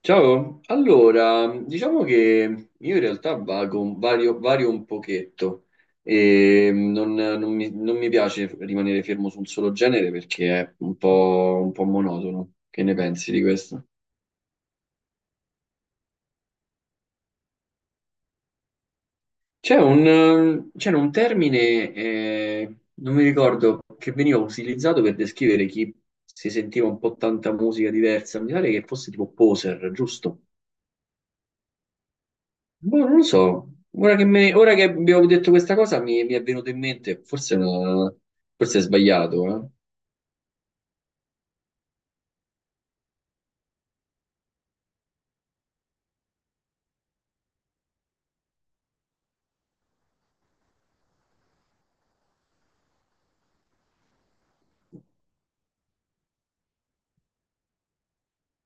Ciao, allora, diciamo che io in realtà vago, vario un pochetto e non mi piace rimanere fermo su un solo genere perché è un po' monotono. Che ne pensi di questo? C'era un termine, non mi ricordo, che veniva utilizzato per descrivere chi si sentiva un po' tanta musica diversa, mi pare che fosse tipo poser, giusto? Boh, non lo so, ora che abbiamo detto questa cosa mi è venuto in mente, forse, forse è sbagliato, eh?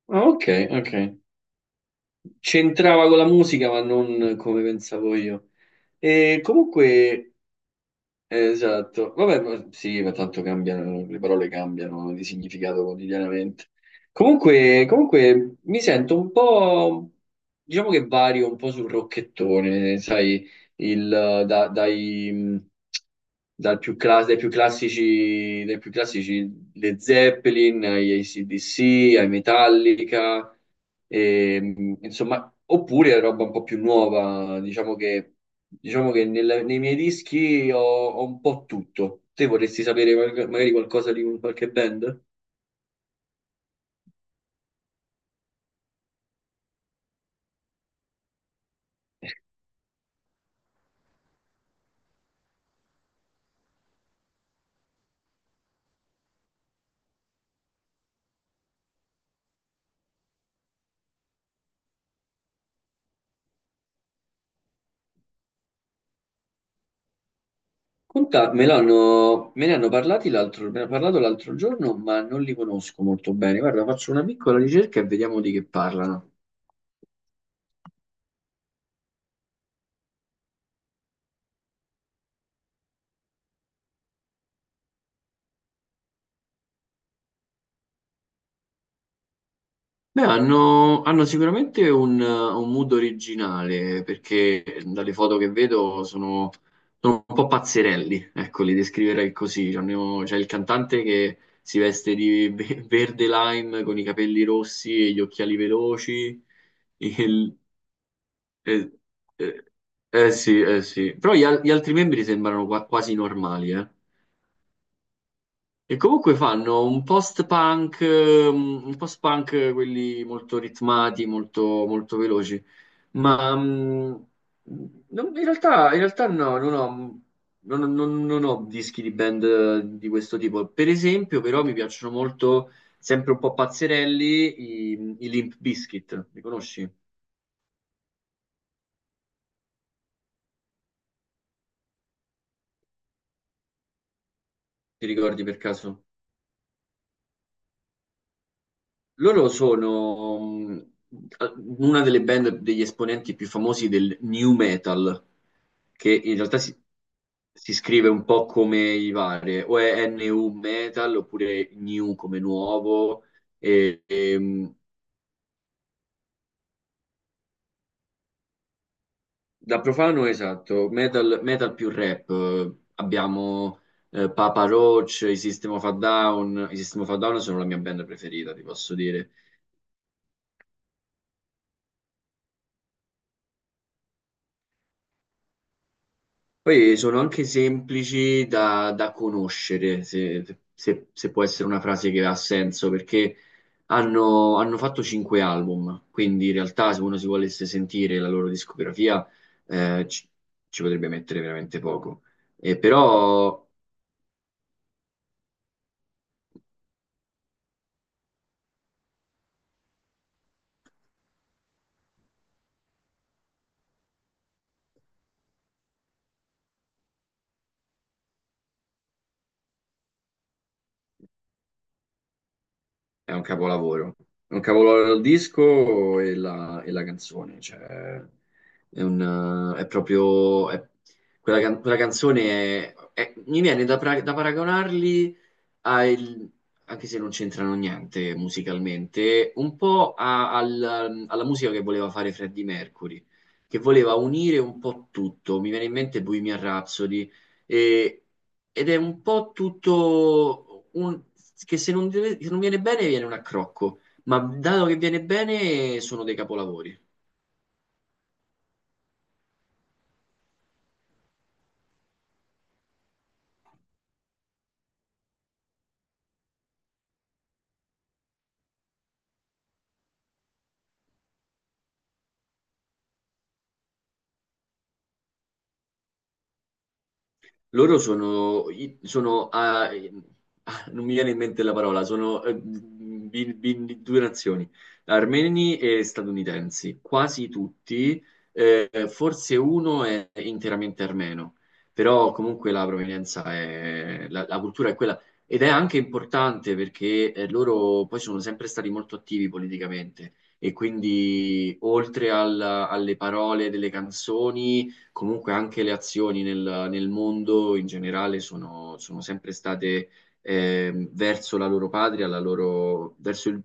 Ah, ok, ok. C'entrava con la musica, ma non come pensavo io. E comunque. Esatto, vabbè, sì, ma tanto cambiano, le parole cambiano di significato quotidianamente. Comunque, mi sento un po', diciamo che vario un po' sul rocchettone, sai, il, eh, da- dai, mh, dai più classici le Zeppelin, agli AC/DC, ai Metallica, e, insomma, oppure roba un po' più nuova, diciamo che. Diciamo che nei miei dischi ho un po' tutto. Te vorresti sapere magari qualcosa di qualche band? Conta, me l'hanno me ne hanno parlati l'altro, me ne ha parlato l'altro giorno, ma non li conosco molto bene. Guarda, faccio una piccola ricerca e vediamo di che parlano. Beh, hanno sicuramente un mood originale, perché dalle foto che vedo sono un po' pazzerelli, ecco, li descriverei così. C'è il cantante che si veste di verde lime con i capelli rossi e gli occhiali veloci. Il- eh, eh, eh sì, eh sì. Però gli altri membri sembrano quasi normali, eh. E comunque fanno un post-punk, quelli molto ritmati, molto veloci, ma in realtà, no, non ho dischi di band di questo tipo. Per esempio, però, mi piacciono molto, sempre un po' pazzerelli, i Limp Bizkit, li conosci? Ti ricordi per caso? Loro sono una delle band degli esponenti più famosi del new metal, che in realtà si scrive un po' come i vari, o è NU metal oppure new come nuovo. E, da profano, esatto, metal, metal più rap. Abbiamo Papa Roach, i System of a Down. I System of a Down sono la mia band preferita, ti posso dire. Poi sono anche semplici da conoscere, se può essere una frase che ha senso, perché hanno fatto cinque album, quindi in realtà se uno si volesse sentire la loro discografia eh, ci, ci potrebbe mettere veramente poco. E però è un capolavoro, è un capolavoro il disco e la canzone, cioè è proprio. Quella canzone mi viene da paragonarli ha il- anche se non c'entrano niente musicalmente, un po' alla musica che voleva fare Freddie Mercury, che voleva unire un po' tutto. Mi viene in mente Bohemian Rhapsody, e- ed è un po' tutto che se non viene bene viene un accrocco, ma dato che viene bene sono dei capolavori. Loro sono, non mi viene in mente la parola, sono due nazioni, armeni e statunitensi, quasi tutti, forse uno è interamente armeno, però comunque la provenienza è, la, la cultura è quella ed è anche importante perché loro poi sono sempre stati molto attivi politicamente e quindi oltre alle parole delle canzoni comunque anche le azioni nel mondo in generale sono sempre state verso la loro patria, la loro, verso il,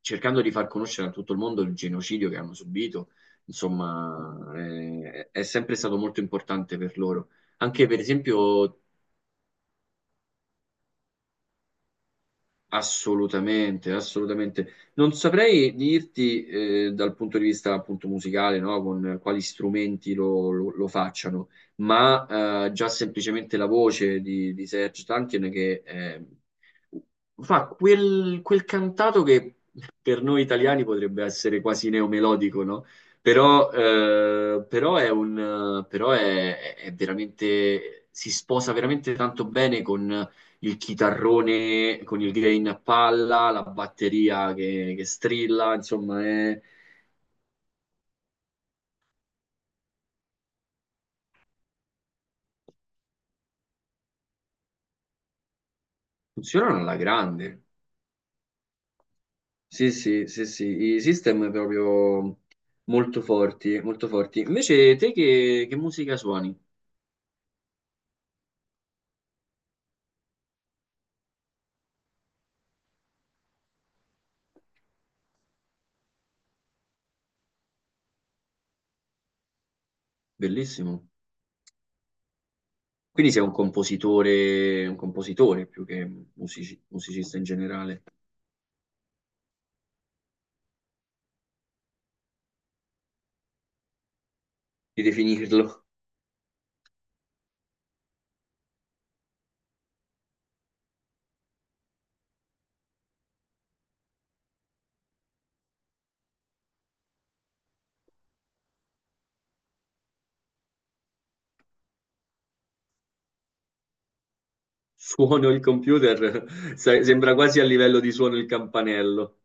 cercando di far conoscere a tutto il mondo il genocidio che hanno subito. Insomma, è sempre stato molto importante per loro. Anche per esempio. Assolutamente, assolutamente. Non saprei dirti dal punto di vista appunto musicale, no? Con quali strumenti lo facciano, ma già semplicemente la voce di Serge Tankian che fa quel cantato che per noi italiani potrebbe essere quasi neomelodico, no? Però, è veramente, si sposa veramente tanto bene con il chitarrone con il gain a palla, la batteria che strilla, insomma, funzionano alla grande. Sì, sì, sì, sì, i System proprio molto forti, molto forti. Invece te che musica suoni? Bellissimo. Quindi sei un compositore più che musicista in generale, di definirlo. Suono il computer, sai, sembra quasi a livello di suono il campanello.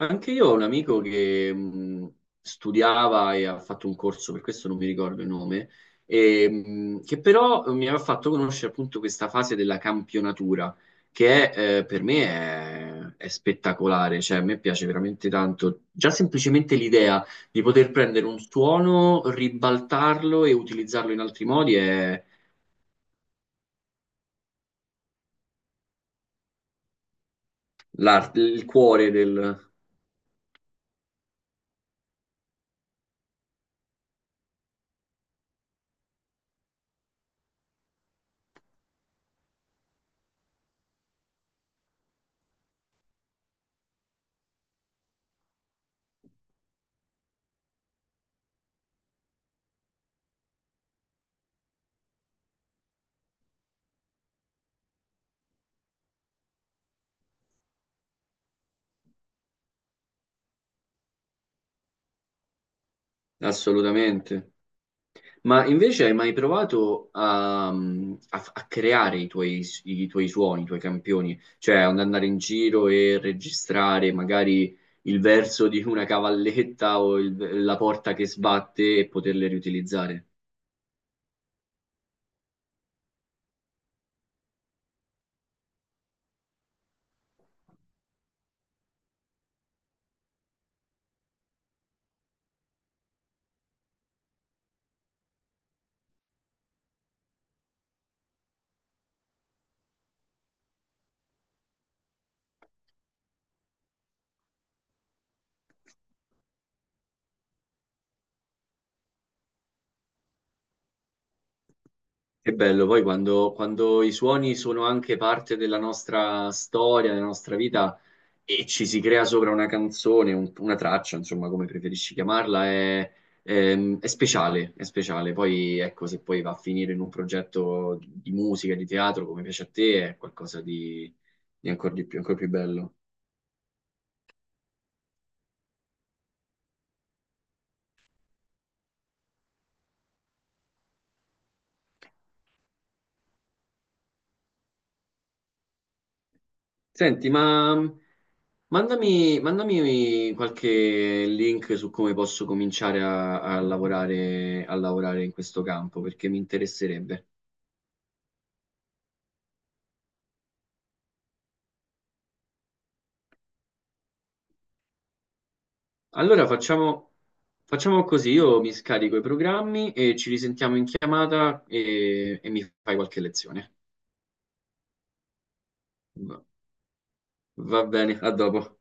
Anche io ho un amico che studiava e ha fatto un corso, per questo non mi ricordo il nome, e, che però mi aveva fatto conoscere appunto questa fase della campionatura, che per me è spettacolare, cioè a me piace veramente tanto. Già semplicemente l'idea di poter prendere un suono, ribaltarlo e utilizzarlo in altri modi è il cuore del. Assolutamente. Ma invece hai mai provato a creare i tuoi suoni, i tuoi campioni? Cioè ad andare in giro e registrare magari il verso di una cavalletta o la porta che sbatte e poterle riutilizzare? Che bello, poi quando i suoni sono anche parte della nostra storia, della nostra vita e ci si crea sopra una canzone, una traccia, insomma, come preferisci chiamarla, è, è speciale, è speciale. Poi ecco, se poi va a finire in un progetto di musica, di teatro, come piace a te, è qualcosa di ancora di più, ancora più bello. Senti, ma mandami qualche link su come posso cominciare a lavorare in questo campo, perché mi interesserebbe. Allora facciamo così, io mi scarico i programmi e ci risentiamo in chiamata e mi fai qualche lezione. Va va bene, a dopo.